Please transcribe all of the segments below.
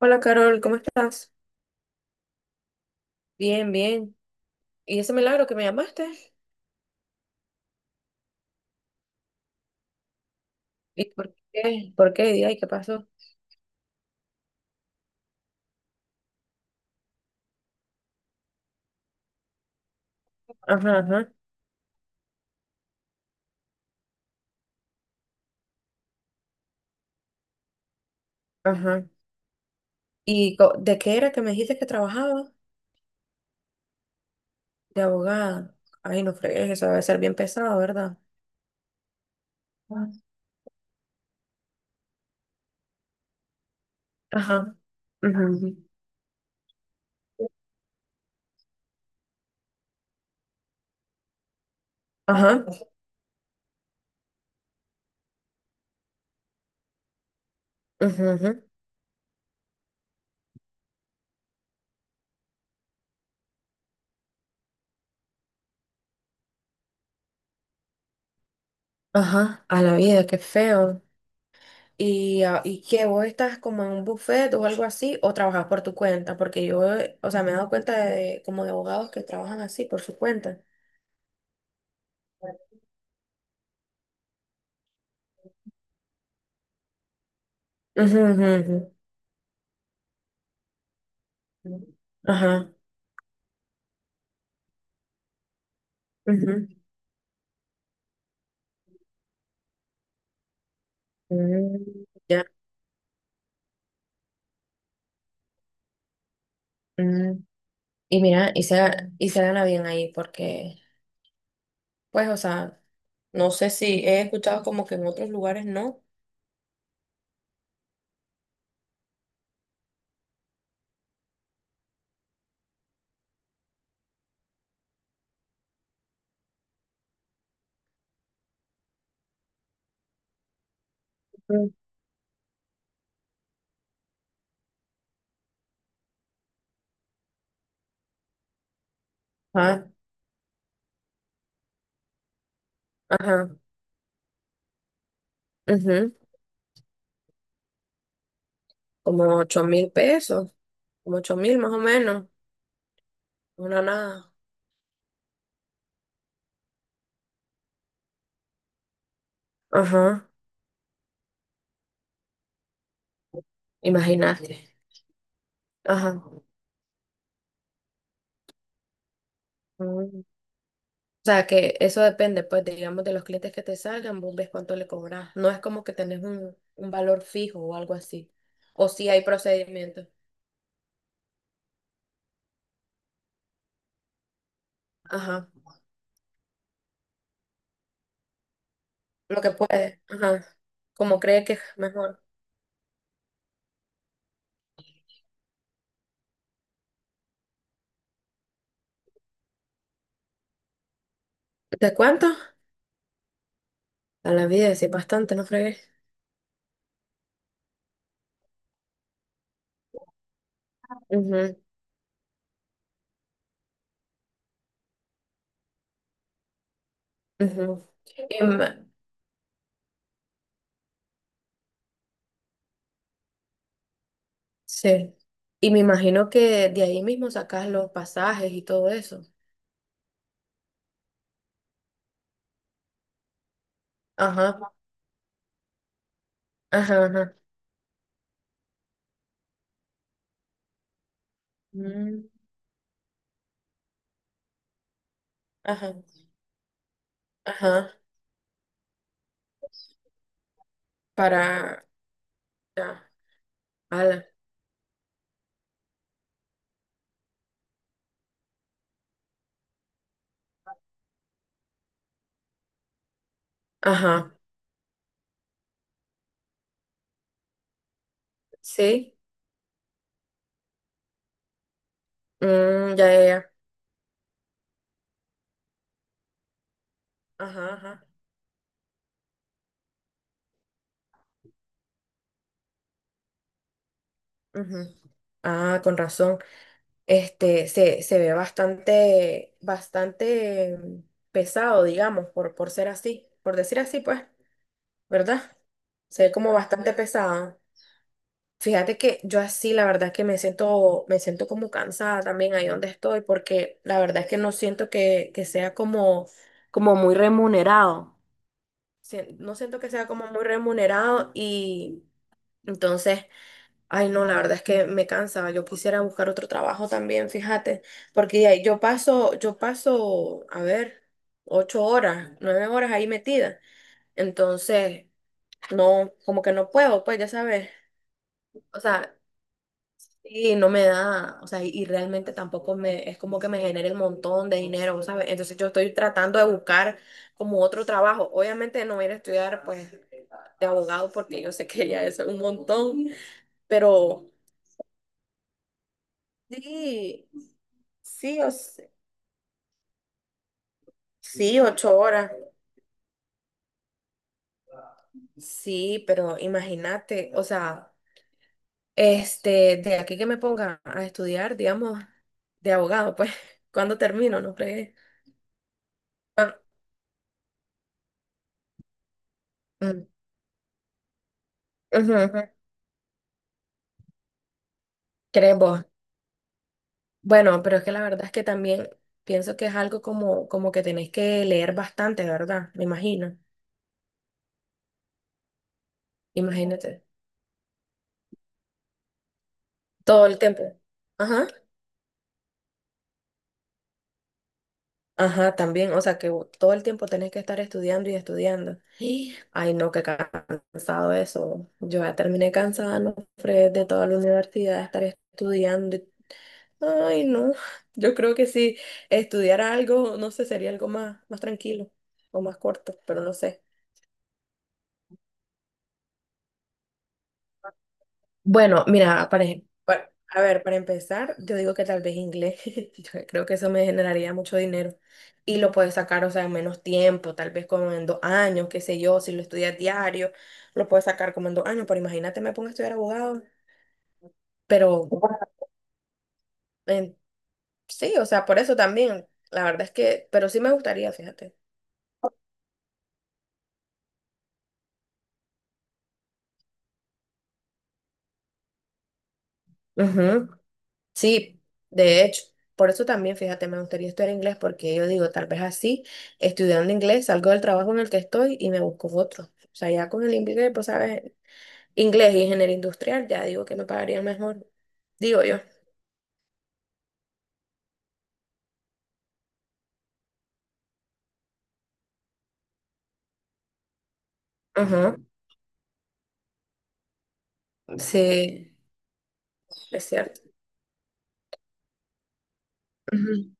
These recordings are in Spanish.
Hola Carol, ¿cómo estás? Bien, bien. ¿Y ese milagro que me llamaste? ¿Y por qué? ¿Por qué? Di, ay, ¿qué pasó? Ajá, ajá, ajá. ¿Y de qué era que me dijiste que trabajaba? De abogada. Ay, no fregues, eso debe ser bien pesado, ¿verdad? Ajá, ujú. Ajá, ujú, ujú. Ajá. A la vida, qué feo. ¿Y, ah, y qué? ¿Vos estás como en un buffet o algo así? ¿O trabajas por tu cuenta? Porque yo, o sea, me he dado cuenta de como de abogados que trabajan así, por su cuenta. Ujú, ujú, ujú. Ajá, ujú. Mm, ya. mm. Y mira, y se gana bien ahí porque, pues, o sea, no sé si he escuchado como que en otros lugares no. Ujú. Ajá, ajá, ujú. Como 8.000 pesos, como 8.000 más o menos. Una nada. Ajá. Imagínate. Ajá. Mm. O sea, que eso depende, pues, digamos, de los clientes que te salgan, vos ves cuánto le cobras. No es como que tenés un valor fijo o algo así. O si hay procedimientos. Ajá. Lo que puede. Ajá. Como cree que es mejor. ¿De cuánto? A la vida, sí, bastante, no fregué. Ujú, ujú. Y ma- sí. Y me imagino que de ahí mismo sacas los pasajes y todo eso. Ajá, ajá, ajá. Mm, ajá, ajá. Para, ya, ala, ajá. Sí. Mm, ya, ya, ya. Ajá, ajá, ujú. Ah, con razón. Se ve bastante, bastante pesado, digamos, por ser así, por decir así, pues, ¿verdad? Se ve como bastante pesado. Fíjate que yo así, la verdad que me siento como cansada también ahí donde estoy, porque la verdad es que no siento que sea como muy remunerado. No siento que sea como muy remunerado y entonces... Ay, no, la verdad es que me cansa. Yo quisiera buscar otro trabajo también, fíjate, porque ahí yo paso, a ver, 8 horas, 9 horas ahí metida. Entonces, no, como que no puedo, pues ya sabes. O sea, y no me da, o sea, y realmente tampoco me, es como que me genere un montón de dinero, ¿sabes? Entonces yo estoy tratando de buscar como otro trabajo. Obviamente no voy a ir a estudiar, pues, de abogado porque yo sé que ya es un montón, pero sí. Sí, sí, 8 horas. Sí, pero imagínate, o sea, este, de aquí que me ponga a estudiar, digamos, de abogado, pues, ¿cuándo termino? No fregué. Ah, mm, ujú, ujú. ¿Crees vos? Bueno, pero es que la verdad es que también pienso que es algo como que tenés que leer bastante, ¿verdad? Me imagino. Imagínate. Todo el tiempo. Ajá. Ajá, también, o sea que todo el tiempo tenés que estar estudiando y estudiando. Y ay, no, qué cansado eso. Yo ya terminé cansada, no, Fred, de toda la universidad, de estar estudiando. Ay, no, yo creo que si estudiara algo, no sé, sería algo más, más tranquilo o más corto, pero no sé. Bueno, mira, a ver, para empezar, yo digo que tal vez inglés, yo creo que eso me generaría mucho dinero y lo puedes sacar, o sea, en menos tiempo, tal vez como en 2 años, qué sé yo, si lo estudias diario, lo puedes sacar como en 2 años, pero imagínate, me pongo a estudiar abogado, pero en- sí, o sea, por eso también, la verdad es que, pero sí me gustaría, fíjate. Sí, de hecho, por eso también, fíjate, me gustaría estudiar inglés porque yo digo, tal vez así, estudiando inglés, salgo del trabajo en el que estoy y me busco otro. O sea, ya con el inglés, pues sabes, inglés y ingeniería industrial, ya digo que me pagaría mejor, digo yo. Ajá, sí, es cierto. Ujú.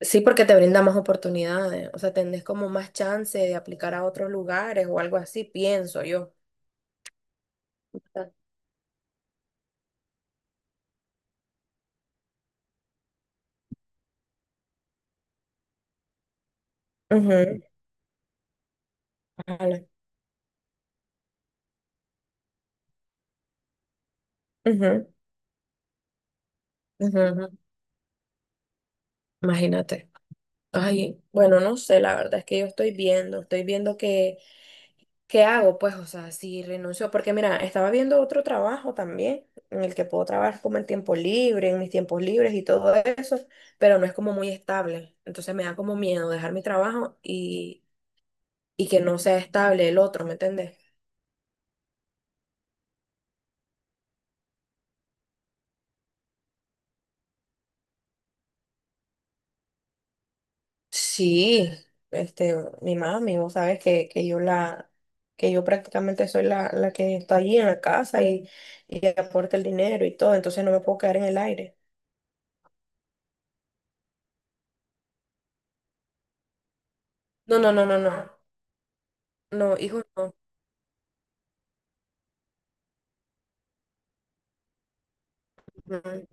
Sí, porque te brinda más oportunidades, o sea, tenés como más chance de aplicar a otros lugares o algo así, pienso yo. Ujú, ojalá. Ujú, ujú, ujú. Imagínate. Ay, bueno, no sé, la verdad es que estoy viendo qué, qué hago, pues, o sea, si renuncio, porque mira, estaba viendo otro trabajo también, en el que puedo trabajar como en tiempo libre, en mis tiempos libres y todo eso, pero no es como muy estable. Entonces me da como miedo dejar mi trabajo y que no sea estable el otro, ¿me entiendes? Sí, este, mi mami, vos sabes que yo prácticamente soy la que está allí en la casa y aporta el dinero y todo, entonces no me puedo quedar en el aire. No, no, no, no, no. No, hijo, no. Ujú,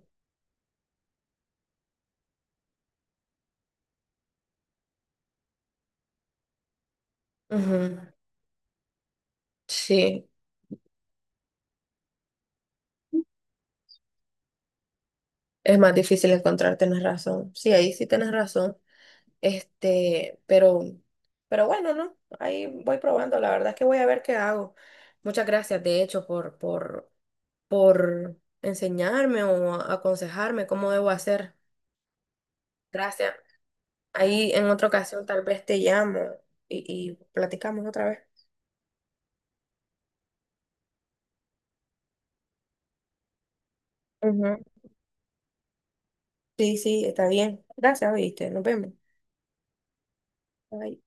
ujú. Sí, es más difícil encontrar, tenés razón. Sí, ahí sí tenés razón. Este, pero bueno, ¿no? Ahí voy probando. La verdad es que voy a ver qué hago. Muchas gracias, de hecho, por enseñarme o aconsejarme cómo debo hacer. Gracias. Ahí en otra ocasión tal vez te llamo y platicamos otra vez. Ujú. Sí, sí, está bien. Gracias, oíste. Nos vemos. Bye.